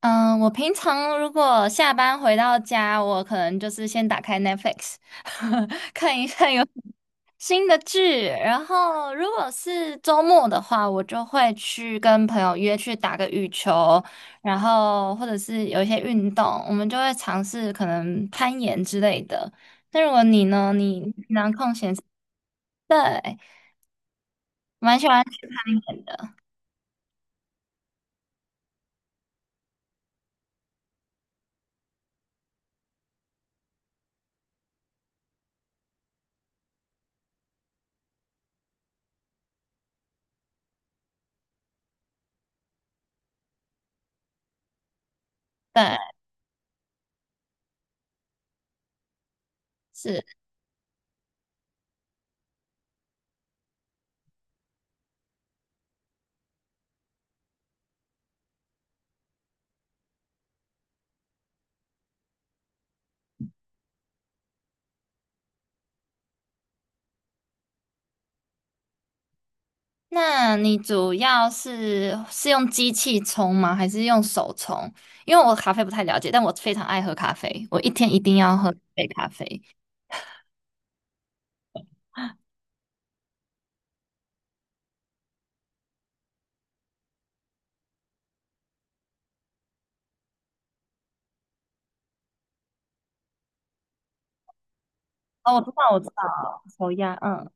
嗯，我平常如果下班回到家，我可能就是先打开 Netflix，看一下有新的剧。然后，如果是周末的话，我就会去跟朋友约去打个羽球，然后或者是有一些运动，我们就会尝试可能攀岩之类的。那如果你呢？你平常空，对，蛮喜欢攀岩的，对。是。那你主要是用机器冲吗？还是用手冲？因为我咖啡不太了解，但我非常爱喝咖啡，我一天一定要喝一杯咖啡。哦，我知道，我知道，手压，嗯。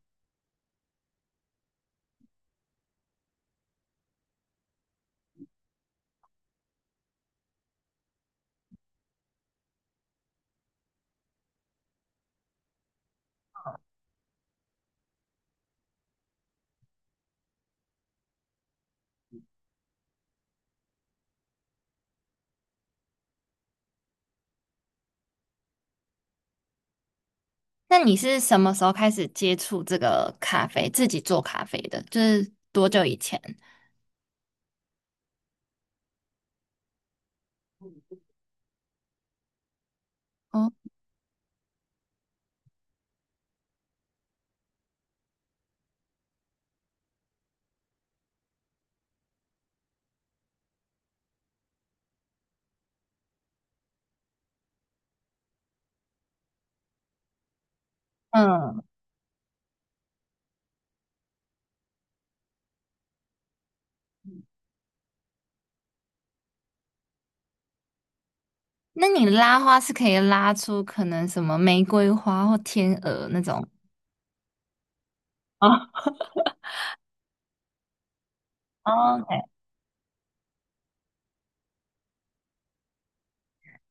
那你是什么时候开始接触这个咖啡，自己做咖啡的？就是多久以前？哦，嗯，那你拉花是可以拉出可能什么玫瑰花或天鹅那种。哦，OK，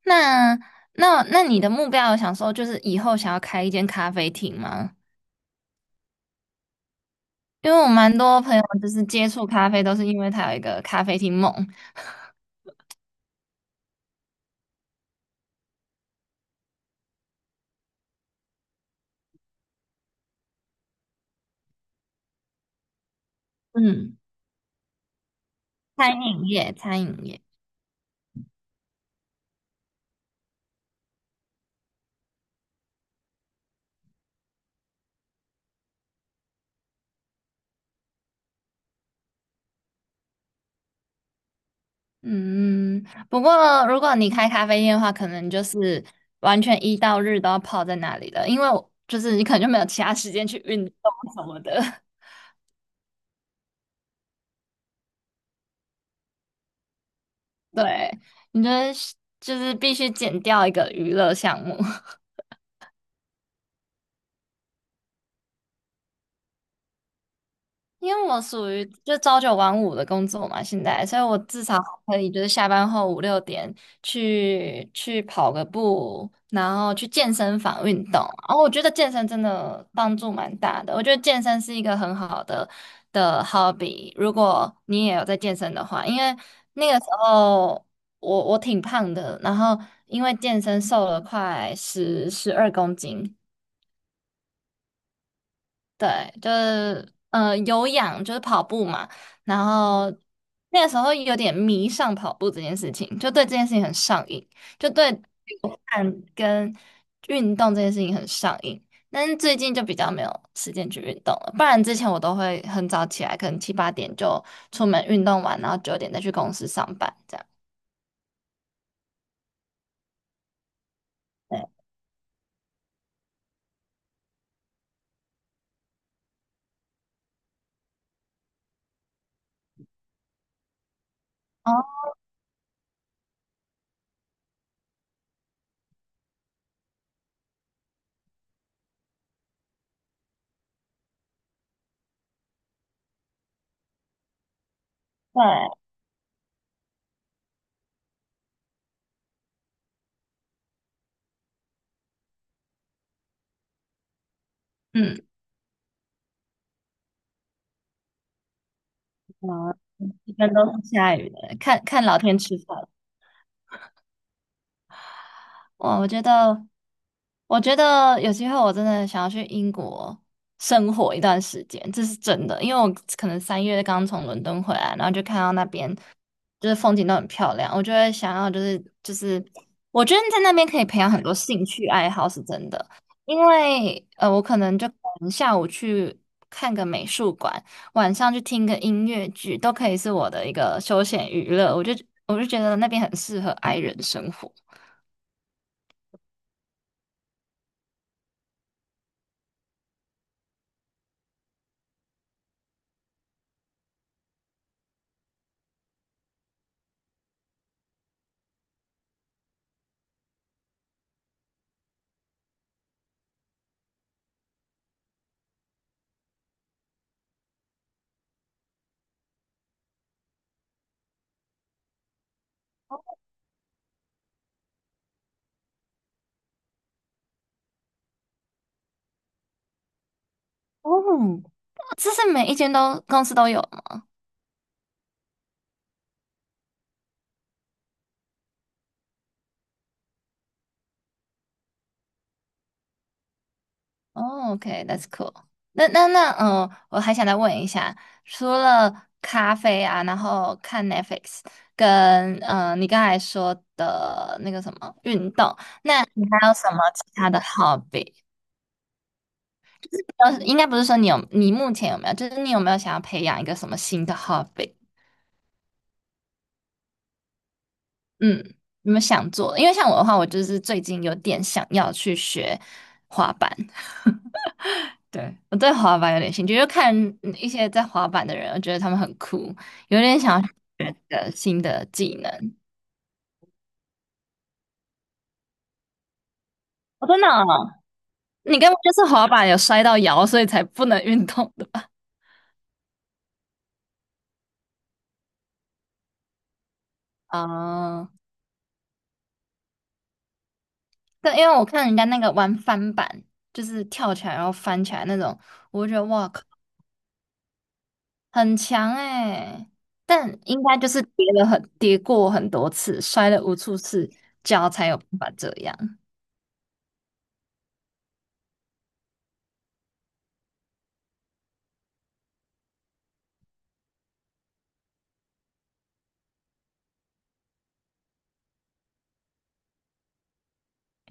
那那你的目标有想说，就是以后想要开一间咖啡厅吗？因为我蛮多朋友就是接触咖啡，都是因为它有一个咖啡厅梦，嗯，餐饮业，餐饮业。嗯，不过如果你开咖啡店的话，可能就是完全一到日都要泡在那里的，因为我就是你可能就没有其他时间去运动什么的。对，你就得就是必须减掉一个娱乐项目。因为我属于就朝九晚五的工作嘛，现在，所以我至少可以就是下班后5、6点去跑个步，然后去健身房运动。然后我觉得健身真的帮助蛮大的，我觉得健身是一个很好的 hobby。如果你也有在健身的话，因为那个时候我挺胖的，然后因为健身瘦了快十二公斤，对，就是有氧，就是跑步嘛。然后那个时候有点迷上跑步这件事情，就对这件事情很上瘾，就对看跟运动这件事情很上瘾。但是最近就比较没有时间去运动了，不然之前我都会很早起来，可能7、8点就出门运动完，然后9点再去公司上班这样。对，哦，对，嗯，嗯，一般都是下雨的，看看老天吃饭。哇，我觉得有机会我真的想要去英国生活一段时间，这是真的。因为我可能3月刚从伦敦回来，然后就看到那边就是风景都很漂亮，我就会想要就是，我觉得在那边可以培养很多兴趣爱好，是真的。因为我可能就可能下午去看个美术馆，晚上去听个音乐剧，都可以是我的一个休闲娱乐。我就觉得那边很适合 i 人生活。哦这是每一间都公司都有吗？哦，OK，that's cool。那，我还想再问一下，除了咖啡啊，然后看 Netflix，跟你刚才说的那个什么运动，你还有什么其他的 hobby？应该不是说你有，你目前有没有，就是你有没有想要培养一个什么新的 hobby？嗯，有没有想做的因为像我的话，我就是最近有点想要去学滑板。对，我对滑板有点兴趣，就看一些在滑板的人，我觉得他们很酷，有点想学的新的技能。哦，真的哦你根本就是滑板有摔到摇，所以才不能运动的吧？啊、对，因为我看人家那个玩翻板，就是跳起来然后翻起来那种，我就觉得哇靠，很强哎、但应该就是跌过很多次，摔了无数次，脚才有办法这样。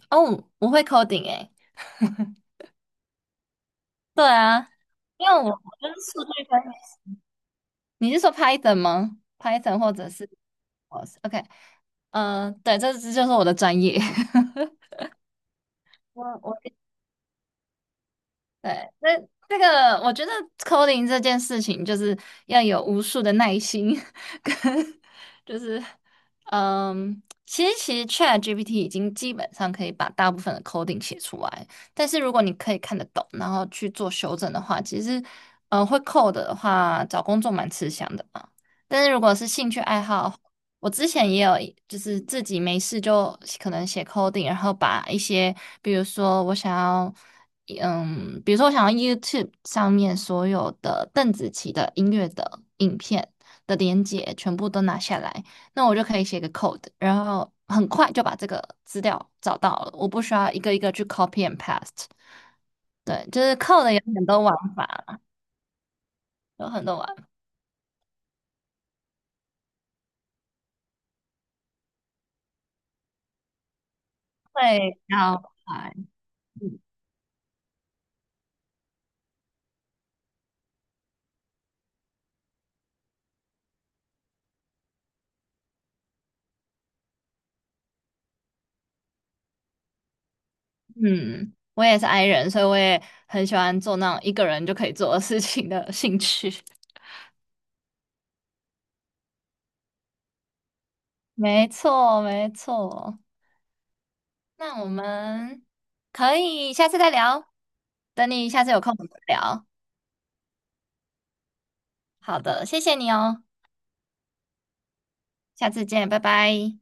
哦，我会 coding 哎、对啊，因为我跟数据分析，你是说 Python 吗？Python 或者是我 OK，嗯、对，这就是我的专业。我对，那这个我觉得 coding 这件事情就是要有无数的耐心，跟就是其实 ChatGPT 已经基本上可以把大部分的 coding 写出来，但是如果你可以看得懂，然后去做修正的话，其实会 code 的话，找工作蛮吃香的嘛。但是如果是兴趣爱好，我之前也有，就是自己没事就可能写 coding，然后把一些，比如说我想要。比如说我想要 YouTube 上面所有的邓紫棋的音乐的影片的连接全部都拿下来，那我就可以写个 code，然后很快就把这个资料找到了，我不需要一个一个去 copy and paste。对，就是 code 有很多玩法，有很多玩法，会要快。嗯，我也是 i 人，所以我也很喜欢做那种一个人就可以做的事情的兴趣。没错，没错。那我们可以下次再聊，等你下次有空我们聊。好的，谢谢你哦，下次见，拜拜。